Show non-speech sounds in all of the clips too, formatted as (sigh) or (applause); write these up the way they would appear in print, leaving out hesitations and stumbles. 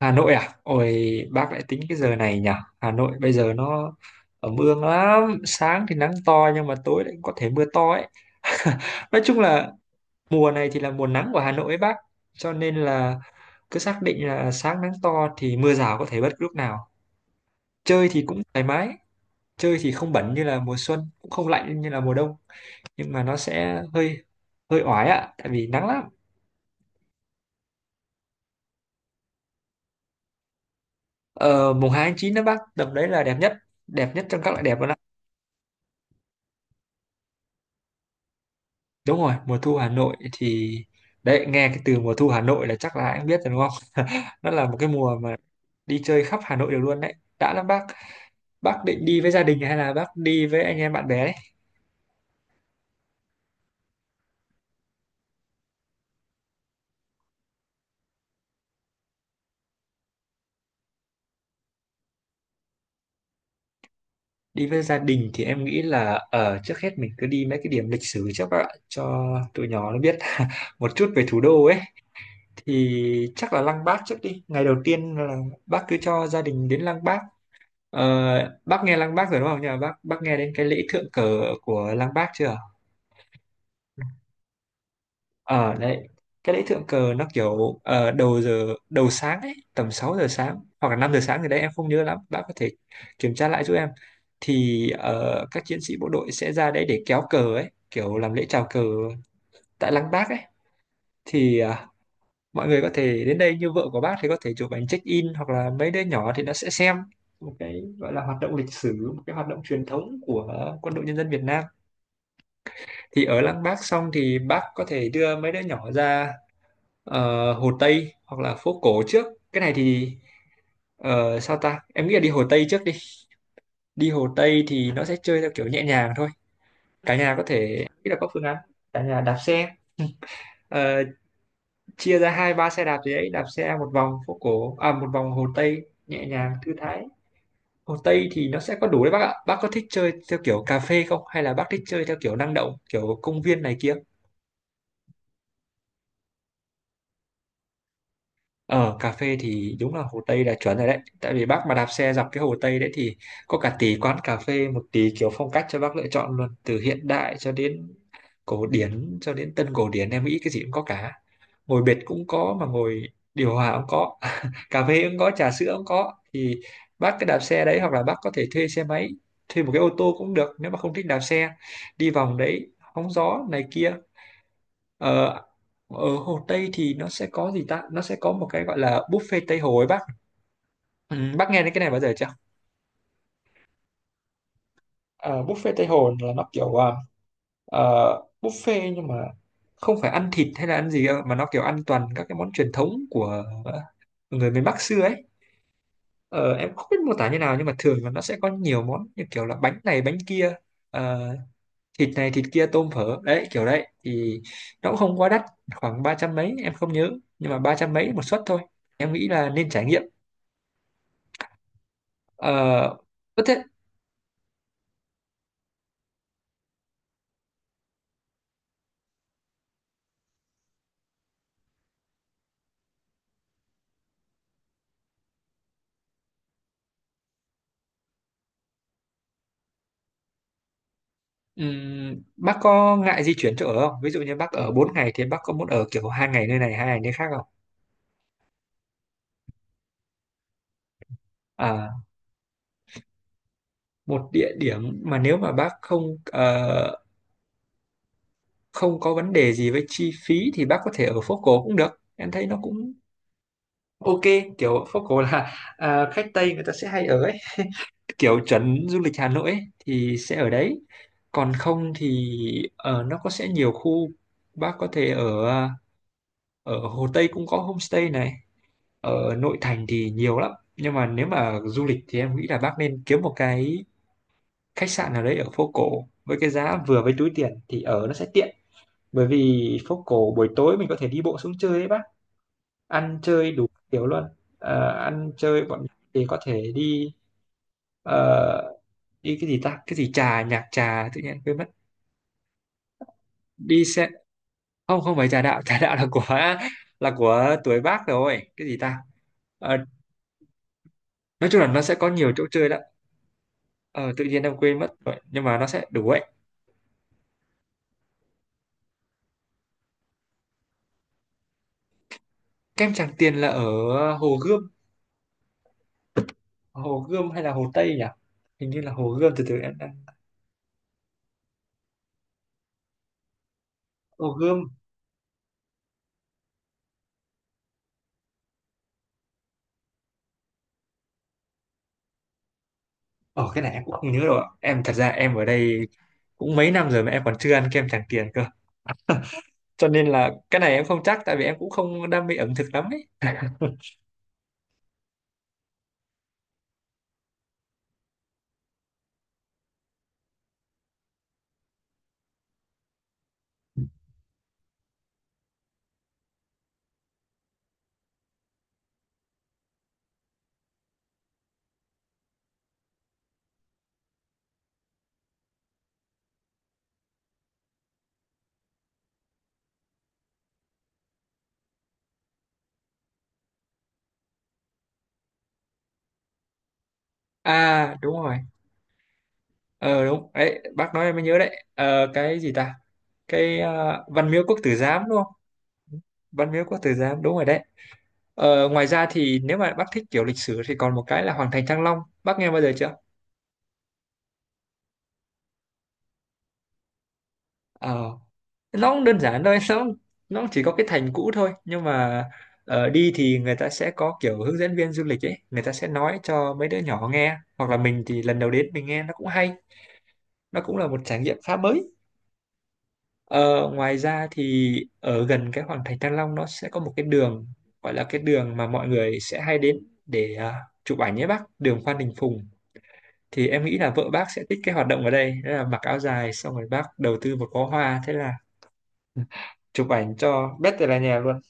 Hà Nội à? Ôi, bác lại tính cái giờ này nhỉ? Hà Nội bây giờ nó ẩm ương lắm. Sáng thì nắng to nhưng mà tối lại có thể mưa to ấy. (laughs) Nói chung là mùa này thì là mùa nắng của Hà Nội ấy bác. Cho nên là cứ xác định là sáng nắng to thì mưa rào có thể bất cứ lúc nào. Chơi thì cũng thoải mái. Chơi thì không bẩn như là mùa xuân, cũng không lạnh như là mùa đông. Nhưng mà nó sẽ hơi hơi oải ạ, tại vì nắng lắm. Ờ, Mùng hai tháng 9 đó bác, tầm đấy là đẹp nhất. Đẹp nhất trong các loại đẹp luôn ạ. Đúng rồi, mùa thu Hà Nội thì đấy, nghe cái từ mùa thu Hà Nội là chắc là anh biết rồi đúng không? (laughs) Nó là một cái mùa mà đi chơi khắp Hà Nội được luôn đấy, đã lắm bác. Bác định đi với gia đình hay là bác đi với anh em bạn bè đấy? Đi với gia đình thì em nghĩ là, ở, trước hết mình cứ đi mấy cái điểm lịch sử trước các bạn, cho tụi nhỏ nó biết (laughs) một chút về thủ đô ấy. Thì chắc là Lăng Bác trước đi, ngày đầu tiên là bác cứ cho gia đình đến Lăng Bác. Bác nghe Lăng Bác rồi đúng không nhỉ? Bác nghe đến cái lễ thượng cờ của Lăng Bác chưa? Ờ đấy, cái lễ thượng cờ nó kiểu, đầu giờ đầu sáng ấy, tầm 6 giờ sáng hoặc là 5 giờ sáng gì đấy em không nhớ lắm, bạn có thể kiểm tra lại giúp em. Thì các chiến sĩ bộ đội sẽ ra đấy để kéo cờ ấy, kiểu làm lễ chào cờ tại Lăng Bác ấy. Thì mọi người có thể đến đây, như vợ của bác thì có thể chụp ảnh check-in, hoặc là mấy đứa nhỏ thì nó sẽ xem một cái gọi là hoạt động lịch sử, một cái hoạt động truyền thống của quân đội nhân dân Việt Nam. Thì ở Lăng Bác xong thì bác có thể đưa mấy đứa nhỏ ra, Hồ Tây hoặc là phố cổ trước. Cái này thì, sao ta, em nghĩ là đi Hồ Tây trước đi. Đi Hồ Tây thì nó sẽ chơi theo kiểu nhẹ nhàng thôi. Cả nhà có thể nghĩ là có phương án cả nhà đạp xe, ờ, chia ra hai ba xe đạp gì đấy, đạp xe một vòng phố cổ, à, một vòng Hồ Tây nhẹ nhàng thư thái. Hồ Tây thì nó sẽ có đủ đấy bác ạ. Bác có thích chơi theo kiểu cà phê không, hay là bác thích chơi theo kiểu năng động, kiểu công viên này kia? Ở cà phê thì đúng là Hồ Tây là chuẩn rồi đấy. Tại vì bác mà đạp xe dọc cái Hồ Tây đấy thì có cả tỷ quán cà phê, một tỷ kiểu phong cách cho bác lựa chọn luôn. Từ hiện đại cho đến cổ điển, cho đến tân cổ điển, em nghĩ cái gì cũng có cả. Ngồi bệt cũng có mà ngồi điều hòa cũng có. (laughs) Cà phê cũng có, trà sữa cũng có. Thì bác cứ đạp xe đấy, hoặc là bác có thể thuê xe máy, thuê một cái ô tô cũng được nếu mà không thích đạp xe. Đi vòng đấy, hóng gió này kia. Ờ, Ở Hồ Tây thì nó sẽ có gì ta? Nó sẽ có một cái gọi là buffet Tây Hồ ấy bác. Ừ, bác nghe đến cái này bao giờ chưa? Ờ, Buffet Tây Hồ là nó kiểu, ờ, buffet nhưng mà không phải ăn thịt hay là ăn gì đâu, mà nó kiểu ăn toàn các cái món truyền thống của, người miền Bắc xưa ấy. Ờ, em không biết mô tả như nào nhưng mà thường là nó sẽ có nhiều món như kiểu là bánh này bánh kia. Ờ, Thịt này thịt kia, tôm phở đấy kiểu đấy thì nó cũng không quá đắt, khoảng ba trăm mấy em không nhớ, nhưng mà ba trăm mấy một suất thôi, em nghĩ là nên trải nghiệm. ờ có thế. Bác có ngại di chuyển chỗ ở không, ví dụ như bác ở 4 ngày thì bác có muốn ở kiểu 2 ngày nơi này, 2 ngày nơi khác không? à Một địa điểm mà nếu mà bác không có vấn đề gì với chi phí thì bác có thể ở phố cổ cũng được, em thấy nó cũng ok. Kiểu phố cổ là, khách Tây người ta sẽ hay ở ấy, kiểu trấn du lịch Hà Nội ấy, thì sẽ ở đấy. Còn không thì, nó có sẽ nhiều khu, bác có thể ở Hồ Tây cũng có homestay này, ở nội thành thì nhiều lắm. Nhưng mà nếu mà du lịch thì em nghĩ là bác nên kiếm một cái khách sạn nào đấy ở phố cổ với cái giá vừa với túi tiền thì ở nó sẽ tiện. Bởi vì phố cổ buổi tối mình có thể đi bộ xuống chơi ấy bác, ăn chơi đủ kiểu luôn. Ăn chơi bọn thì có thể đi, ờ, đi cái gì ta? Cái gì trà nhạc trà, tự nhiên quên mất. Đi xe, không, không phải trà đạo. (laughs) Trà đạo là của tuổi Bác rồi, cái gì ta? Ờ, nói chung là nó sẽ có nhiều chỗ chơi đó. Ờ, Tự nhiên em quên mất rồi nhưng mà nó sẽ đủ ấy. Kem Tràng Tiền là ở Hồ Gươm. Hồ Gươm hay là Hồ Tây nhỉ? Hình như là Hồ Gươm, từ từ em đang, Hồ Gươm. Cái này em cũng không nhớ rồi ạ. Em thật ra ở đây cũng mấy năm rồi mà em còn chưa ăn kem Tràng Tiền cơ, cho nên là cái này em không chắc, tại vì em cũng không đam mê ẩm thực lắm ấy. (laughs) Đúng rồi, ờ đúng ấy, bác nói em mới nhớ đấy. Ờ, cái gì ta? Cái, Văn Miếu Quốc Tử Giám đúng không? Văn Miếu Quốc Tử Giám đúng rồi đấy. Ngoài ra thì nếu mà bác thích kiểu lịch sử thì còn một cái là Hoàng thành Thăng Long, bác nghe bao giờ chưa? ờ nó cũng đơn giản thôi. (laughs) Nó chỉ có cái thành cũ thôi, nhưng mà, đi thì người ta sẽ có kiểu hướng dẫn viên du lịch ấy, người ta sẽ nói cho mấy đứa nhỏ nghe, hoặc là mình thì lần đầu đến mình nghe nó cũng hay, nó cũng là một trải nghiệm khá mới. Ờ, Ngoài ra thì ở gần cái Hoàng Thành Thăng Long nó sẽ có một cái đường, gọi là cái đường mà mọi người sẽ hay đến để, chụp ảnh nhé bác, đường Phan Đình Phùng. Thì em nghĩ là vợ bác sẽ thích cái hoạt động ở đây, đó là mặc áo dài xong rồi bác đầu tư một bó hoa, thế là chụp ảnh cho bét từ là nhà luôn.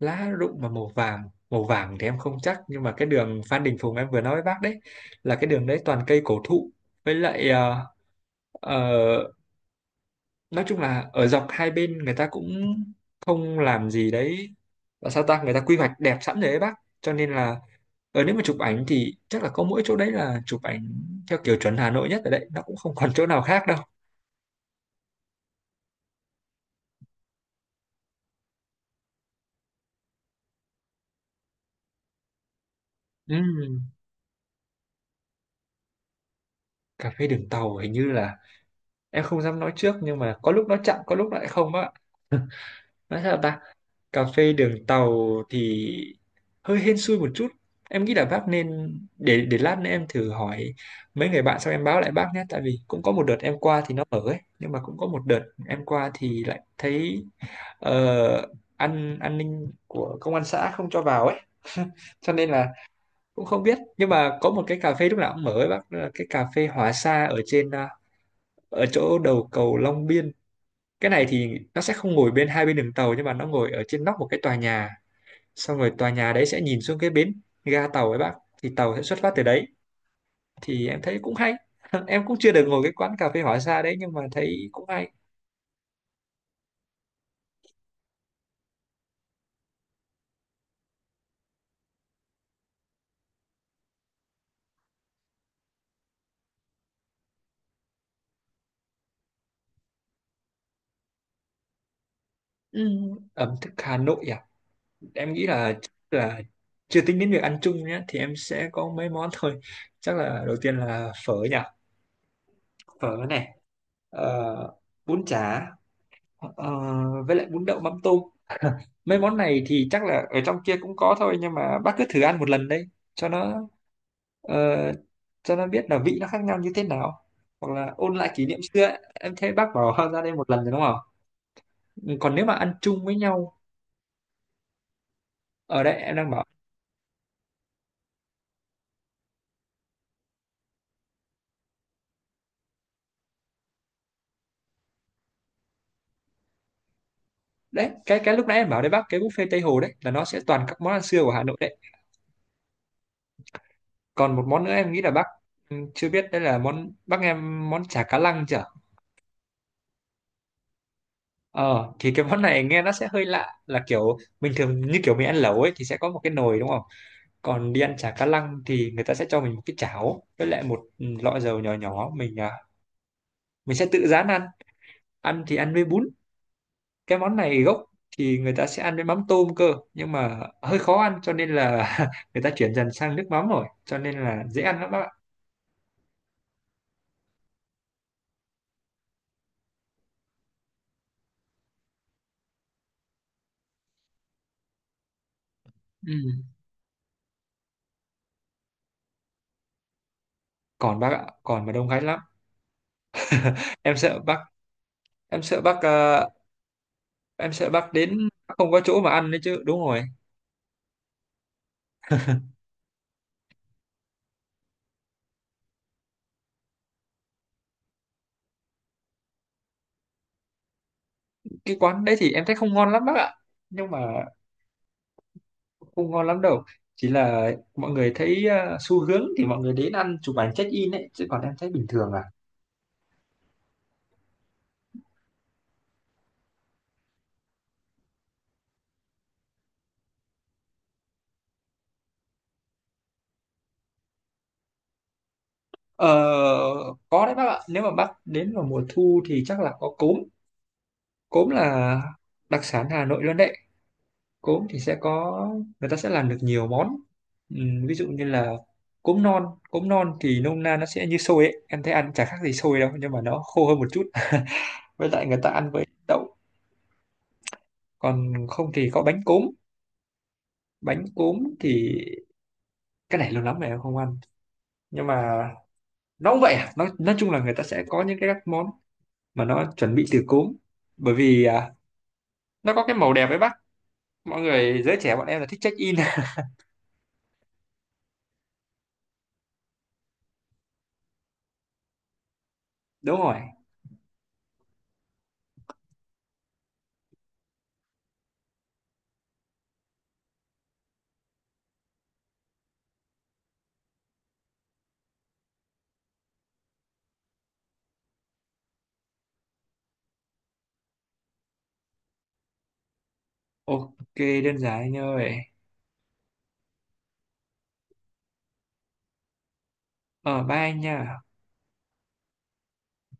Lá rụng mà màu vàng thì em không chắc, nhưng mà cái đường Phan Đình Phùng em vừa nói với bác đấy là cái đường đấy toàn cây cổ thụ, với lại, uh, nói chung là ở dọc hai bên người ta cũng không làm gì đấy, và sao ta, người ta quy hoạch đẹp sẵn rồi ấy bác, cho nên là, nếu mà chụp ảnh thì chắc là có mỗi chỗ đấy là chụp ảnh theo kiểu chuẩn Hà Nội nhất, ở đấy nó cũng không còn chỗ nào khác đâu. Ừm, Cà phê đường tàu hình như là, em không dám nói trước nhưng mà có lúc nó chậm có lúc lại không bác ạ. Nói sao ta, cà phê đường tàu thì hơi hên xui một chút, em nghĩ là bác nên để lát nữa em thử hỏi mấy người bạn xong em báo lại bác nhé, tại vì cũng có một đợt em qua thì nó mở ấy nhưng mà cũng có một đợt em qua thì lại thấy, ờ, an ninh của công an xã không cho vào ấy. (laughs) Cho nên là cũng không biết, nhưng mà có một cái cà phê lúc nào cũng mở ấy bác, đó là cái cà phê Hòa Sa ở trên, ở chỗ đầu cầu Long Biên. Cái này thì nó sẽ không ngồi bên hai bên đường tàu, nhưng mà nó ngồi ở trên nóc một cái tòa nhà, xong rồi tòa nhà đấy sẽ nhìn xuống cái bến ga tàu ấy bác, thì tàu sẽ xuất phát từ đấy, thì em thấy cũng hay. (laughs) Em cũng chưa được ngồi cái quán cà phê hỏa xa đấy nhưng mà thấy cũng hay. Ừ. Ẩm thực Hà Nội à? Em nghĩ là chắc là, chưa tính đến việc ăn chung nhé, thì em sẽ có mấy món (laughs) thôi. Chắc là đầu tiên là phở nhỉ. Phở này, ờ, bún chả, ờ, với lại bún đậu mắm tôm. Mấy món này thì chắc là ở trong kia cũng có thôi, nhưng mà bác cứ thử ăn một lần đấy cho nó, ờ, cho nó biết là vị nó khác nhau như thế nào, hoặc là ôn lại kỷ niệm xưa ấy. Em thấy bác bảo ra đây một lần rồi đúng không? Ừ, còn nếu mà ăn chung với nhau. Ở đây em đang bảo đấy, cái lúc nãy em bảo đấy bác, cái buffet Tây Hồ đấy là nó sẽ toàn các món ăn xưa của Hà Nội đấy. Còn một món nữa em nghĩ là bác, chưa biết đây là món, bác nghe món chả cá lăng chưa? Ờ thì cái món này nghe nó sẽ hơi lạ, là kiểu bình thường như kiểu mình ăn lẩu ấy thì sẽ có một cái nồi đúng không? Còn đi ăn chả cá lăng thì người ta sẽ cho mình một cái chảo với lại một, lọ dầu nhỏ nhỏ, mình sẽ tự rán ăn. Ăn thì ăn với bún. Cái món này gốc thì người ta sẽ ăn với mắm tôm cơ, nhưng mà hơi khó ăn cho nên là (laughs) người ta chuyển dần sang nước mắm rồi, cho nên là dễ ăn lắm bác ạ. Ừ. Còn bác ạ, còn mà đông khách lắm. Em sợ bác em sợ bác ờ, em sợ bác đến không có chỗ mà ăn đấy chứ, đúng rồi. Cái quán đấy thì em thấy không ngon lắm bác ạ. Nhưng mà không ngon lắm đâu, chỉ là mọi người thấy, xu hướng thì mọi người đến ăn chụp ảnh check in ấy chứ, còn em thấy bình thường à. ờ, có đấy bác ạ, nếu mà bác đến vào mùa thu thì chắc là có cốm. Cốm là đặc sản Hà Nội luôn đấy. Cốm thì sẽ có, người ta sẽ làm được nhiều món. Ví dụ như là cốm non. Cốm non thì nôm na nó sẽ như xôi ấy, em thấy ăn chả khác gì xôi đâu, nhưng mà nó khô hơn một chút (laughs) với lại người ta ăn với đậu. Còn không thì có bánh cốm. Bánh cốm thì, cái này lâu lắm rồi em không ăn, nhưng mà nó cũng vậy à. Nó nói chung là người ta sẽ có những cái các món mà nó chuẩn bị từ cốm, bởi vì, nó có cái màu đẹp ấy bác. Mọi người giới trẻ bọn em là thích check in. (laughs) Đúng rồi. Ok, đơn giản anh ơi. Ờ Bye anh nha.